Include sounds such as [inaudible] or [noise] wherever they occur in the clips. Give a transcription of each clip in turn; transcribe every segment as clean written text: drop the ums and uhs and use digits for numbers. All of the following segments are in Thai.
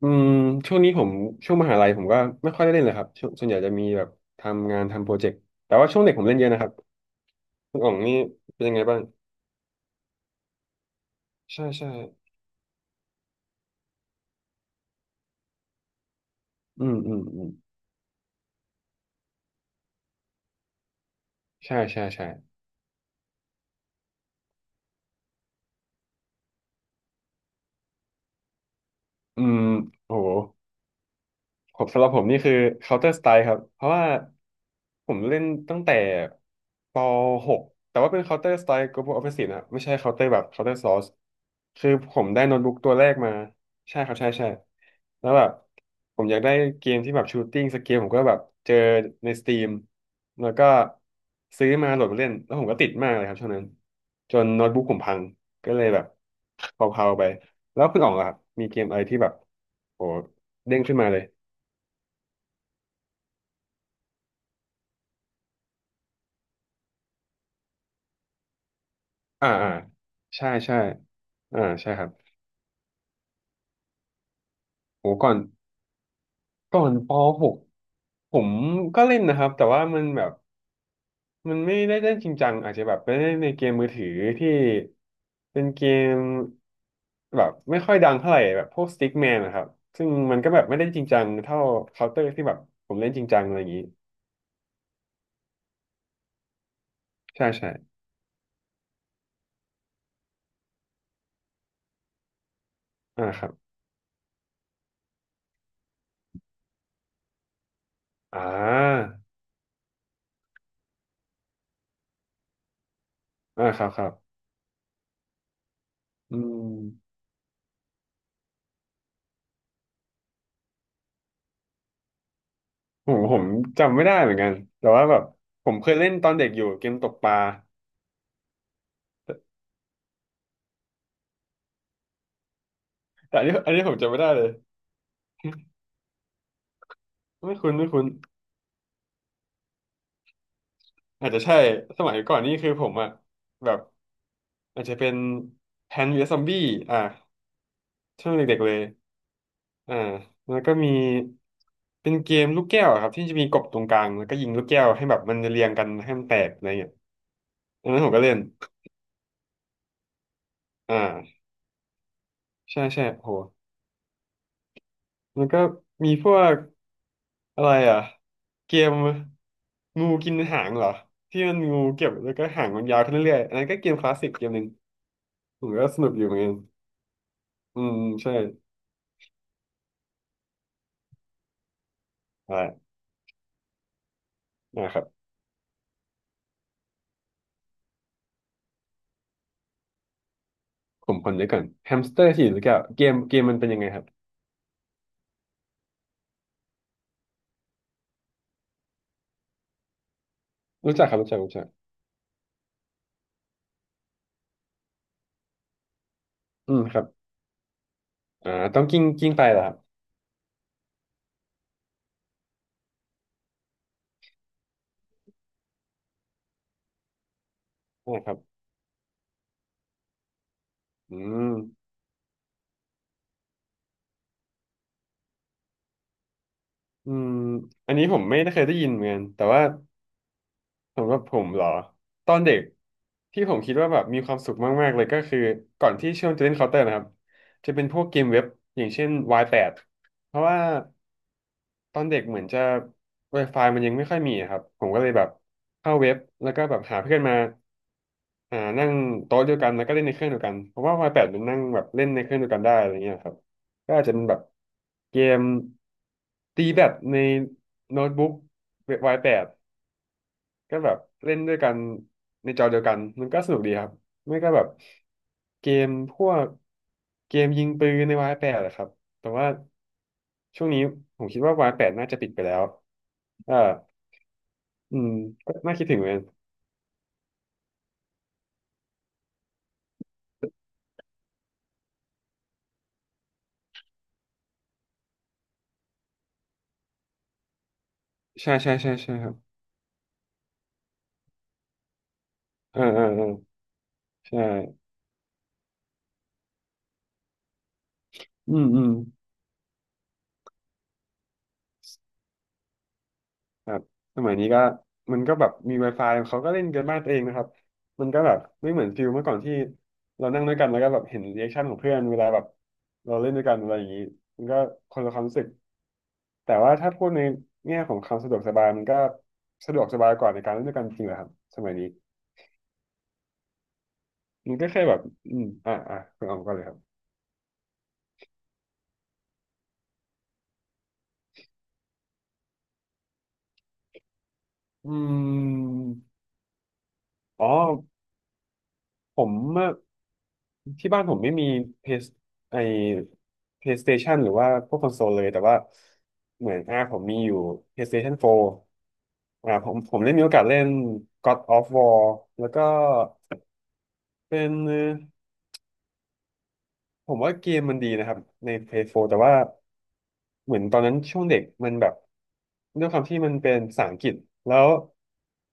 อืมช่วงนี้ผมช่วงมหาลัยผมก็ไม่ค่อยได้เล่นเลยครับช่วงส่วนใหญ่จะมีแบบทำงานทำโปรเจกต์แต่ว่าช่วงเด็กผมเล่นเยอะนะครับคุณอ๋องนี่เป็นยังไงบ้างใช่ใช่อืมอืมอืมใช่ใช่ใช่อืมโห ผมสำหรับผมนี่คือ Counter Strike ครับเพราะว่าผมเล่นตั้งแต่ป .6 แต่ว่าเป็น Counter Strike Global Offensive นะครับไม่ใช่ Counter แบบ Counter Source คือผมได้โน้ตบุ๊กตัวแรกมาใช่ครับใช่ใช่แล้วแบบผมอยากได้เกมที่แบบ Shooting สเกลผมก็แบบเจอใน Steam แล้วก็ซื้อมาโหลดมาเล่นแล้วผมก็ติดมากเลยครับช่วงนั้นจนโน้ตบุ๊กผมพังก็เลยแบบเผาๆไปแล้วคุณอ๋องล่ะครับมีเกมอะไรที่แบบโหเด้งขึ้นมาเลย อ่าอ่าใช่ใช่อ่าใช่ครับโหก่อนป .6 ผมก็เล่นนะครับแต่ว่ามันแบบมันไม่ได้เล่นจริงจังอาจจะแบบไปเล่นในเกมมือถือที่เป็นเกมแบบไม่ค่อยดังเท่าไหร่แบบพวกสติ๊กแมนนะครับซึ่งมันก็แบบไม่ได้จริงจังเท่าเคาน์เตอร์ที่แบบผมเล่นจริงจังอะไรอย่างนี้ใช่ใช่อ่าครับอ่าอ่าครับครับอืมผมจำไม่ได้เหมือนกันแต่ว่าแบบผมเคยเล่นตอนเด็กอยู่เกมตกปลา แต่อันนี้ผมจำไม่ได้เลยไม่คุ้นไม่คุ้นอาจจะใช่สมัยก่อนนี่คือผมอะแบบอาจจะเป็นแพนวีซอมบี้อ่ะช่วงเด็กๆเลยอ่าแล้วก็มีเป็นเกมลูกแก้วอะครับที่จะมีกบตรงกลางแล้วก็ยิงลูกแก้วให้แบบมันเรียงกันให้มันแตกอะไรเงี้ยอันนั้นผมก็เล่นอ่าใช่ใช่โหมันก็มีพวกอะไรอ่ะเกมงูกินหางเหรอที่มันงูเก็บแล้วก็หางมันยาวขึ้นเรื่อยๆอันนั้นก็เกมคลาสสิกเกมหนึ่งผมก็สนุกอยู่เหมือนกัน อืมใช่อด้นะครับผมคนเดียวก่อนแฮมสเตอร์ที่อยู่ลูแก้วเกมมันเป็นยังไงครับรู้จักครับรู้จักรู้จักอืมครับอ่าต้องกิ้งไปเหรอครับนะครับอืมอืมอันนี้ผมไม่ได้เคยได้ยินเหมือนกันแต่ว่า สำหรับผมเหรอตอนเด็กที่ผมคิดว่าแบบมีความสุขมากๆเลยก็คือก่อนที่ช่วงจะเล่นเคาน์เตอร์นะครับจะเป็นพวกเกมเว็บอย่างเช่นวายแปดเพราะว่าตอนเด็กเหมือนจะ Wi-Fi มันยังไม่ค่อยมีอะครับผมก็เลยแบบเข้าเว็บแล้วก็แบบหาเพื่อนมาอ่านั่งโต๊ะเดียวกันแล้วก็เล่นในเครื่องเดียวกันเพราะว่าวายแปดมันนั่งแบบเล่นในเครื่องเดียวกันได้อะไรเงี้ยครับก็อาจจะเป็นแบบเกมตีแบดในโน้ตบุ๊กวายแปด ก็แบบเล่นด้วยกันในจอเดียวกันมันก็สนุกดีครับ ไม่ก็แบบเกมพวกเกมยิงปืนในวายแปดอะครับ แต่ว่าช่วงนี้ผมคิดว่าวายแปดน่าจะปิดไปแล้วเอออืม ก็น่าคิดถึงเหมือนกันใช่ใช่ใช่ใช่ครับเออเออเออใช่ อืมอืม ครับสมัยนี้ก็มันก็แบบมี Wi-Fi เขาก็เล่นกันบ้านตัวเองนะครับมันก็แบบไม่เหมือนฟิลเมื่อก่อนที่เรานั่งด้วยกันแล้วก็แบบเห็นรีแอคชั่นของเพื่อนเวลาแบบเราเล่นด้วยกันอะไรอย่างนี้มันก็คนละความรู้สึกแต่ว่าถ้าพูดในแง่ของความสะดวกสบายมันก็สะดวกสบายกว่าในการเล่นด้วยกันจริงเหรอครับสมัยนี้มันก็แค่แบบอืมอ่ะอ่ะคุณออมก็เลยครับอืมอ๋อ ผมเมื่อที่บ้านผมไม่มีเพสไอ PlayStation หรือว่าพวกคอนโซลเลยแต่ว่าเหมือนอ่าผมมีอยู่ PlayStation 4อ่าผมได้มีโอกาสเล่น God of War แล้วก็เป็นผมว่าเกมมันดีนะครับใน Play 4แต่ว่าเหมือนตอนนั้นช่วงเด็กมันแบบด้วยความที่มันเป็นภาษาอังกฤษแล้ว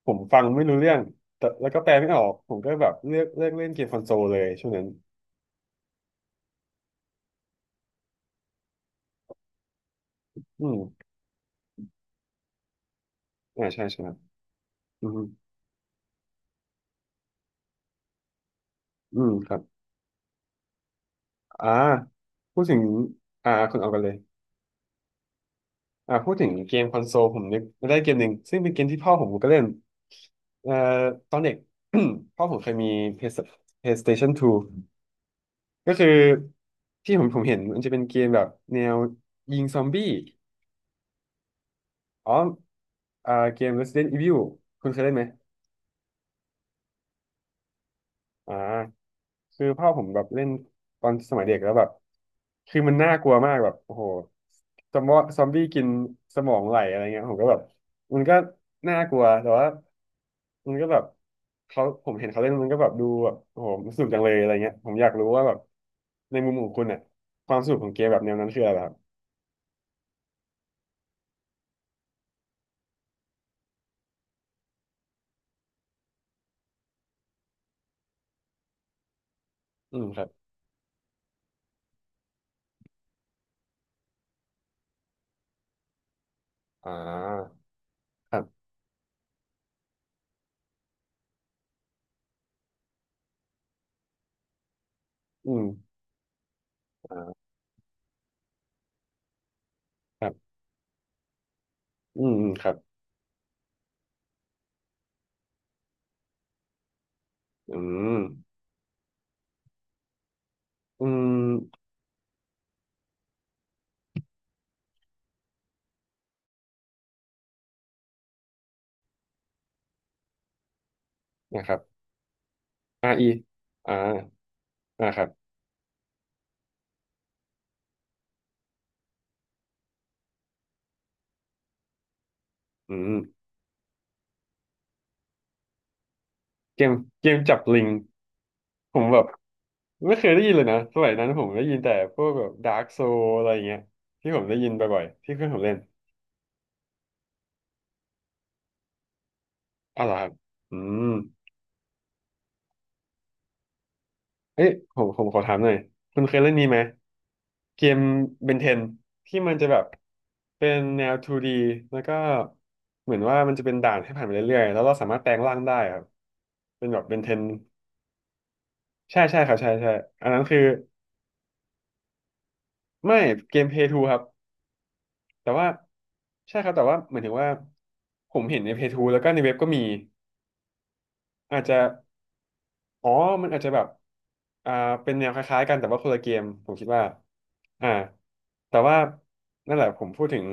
ผมฟังไม่รู้เรื่องแต่แล้วก็แปลไม่ออกผมก็แบบเลือกเล่นเกมคอนโซลเลยช่วงนั้นอืม อ่าใช่ใช่ครับอืมอืมครับอ่าพูดถึงอ่าคุณเอากันเลยอ่าพูดถึงเกมคอนโซลผมนึกได้เกมหนึ่งซึ่งเป็นเกมที่พ่อผมก็เล่นเอ่อตอนเด็ก [coughs] พ่อผมเคยมี PS- PlayStation 2ก็คือที่ผมเห็นมันจะเป็นเกมแบบแนวยิงซอมบี้อ๋ออ่าเกม Resident Evil คุณเคยเล่นไหม อ่าคือพ่อผมแบบเล่นตอนสมัยเด็กแล้วแบบคือมันน่ากลัวมากแบบโอ้โหซอมบี้กินสมองไหลอะไรเงี้ยผมก็แบบมันก็น่ากลัวแต่ว่ามันก็แบบเขาผมเห็นเขาเล่นมันก็แบบดูแบบโอ้โหมันสนุกจังเลยอะไรเงี้ยผมอยากรู้ว่าแบบในมุมของคุณเนี่ยความสนุกของเกมแบบแนวนั้นคืออะไรครับอืมครับอ่าครับอืมอ่าครับอืมอืมครับอืมอืมนะครับ R E ออ่าอ่าครับ อืมเกมเกมจับลิงผมแบบไม่เคยได้ยินเลยนะสมัยนั้นผมได้ยินแต่พวกแบบดาร์กโซอะไรอย่างเงี้ยที่ผมได้ยินบ่อยๆที่เพื่อนผมเล่นอ๋อเหรอครับอืมเอ้ยผมขอถามหน่อยคุณเคยเล่นนี้ไหมเกมเบนเทนที่มันจะแบบเป็นแนว 2D แล้วก็เหมือนว่ามันจะเป็นด่านให้ผ่านไปเรื่อยๆแล้วเราสามารถแปลงร่างได้ครับเป็นแบบเบนเทนใช่ใช่ครับใช่ใช่อันนั้นคือไม่เกมเพย์ทูครับ แต่ว่าใช่ครับแต่ว่าเหมือนถึงว่าผมเห็นในเพจทูแล้วก็ในเว็บก็มีอาจจะ อ๋อมันอาจจะแบบอ่าเป็นแนวคล้ายๆกันแต่ว่าคนละเกมผมคิดว่าอ่าแต่ว่านั่นแหละผมพูดถึง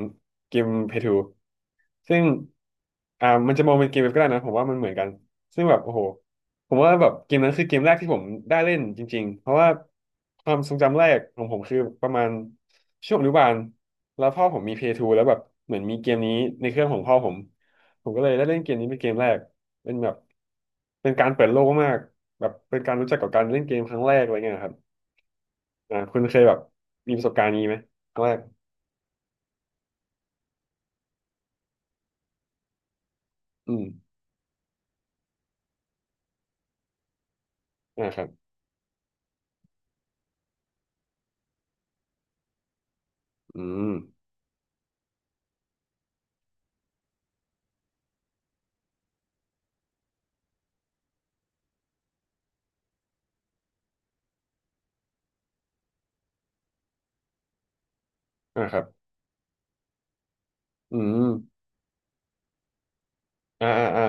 เกมเพทูซึ่งมันจะมองเป็นเกมเว็บก็ได้นะผมว่ามันเหมือนกันซึ่งแบบโอ้โหผมว่าแบบเกมนั้นคือเกมแรกที่ผมได้เล่นจริงๆเพราะว่าความทรงจำแรกของผมคือประมาณช่วงอนุบาลแล้วพ่อผมมีเพย์ทูแล้วแบบเหมือนมีเกมนี้ในเครื่องของพ่อผมผมก็เลยได้เล่นเกมนี้เป็นเกมแรก เป็นแบบเป็นการเปิดโลกมาก แบบเป็นการรู้จักกับการเล่นเกมครั้งแรกอะไรเงี้ยครับคุณเคยแบบมีประสบการณ์นี้ไหมครั้งแรกอืมอ่าครับอืมอ่าครับอืมอ่าอ่าอ่า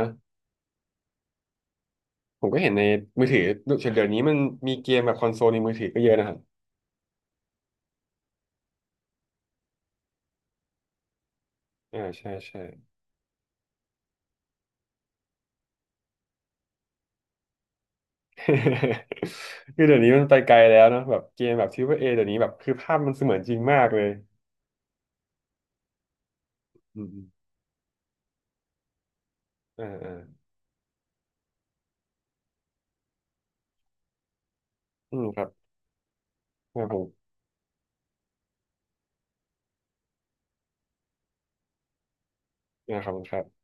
ผมก็เห็นในมือถือเดี๋ยวนี้มันมีเกมแบบคอนโซลในมือถือก็เยอะนะครับอ่าใช่ใช่ [laughs] คือเดี๋ยวนี้มันไปไกลแล้วเนอะแบบเกมแบบทริปเปิ้ลเอเดี๋ยวนี้แบบคือภาพมันเสมือนจริงมากเลยอืมอมอ่าอ่าอืมครับอ่าผมอ่าขอบคุณครับ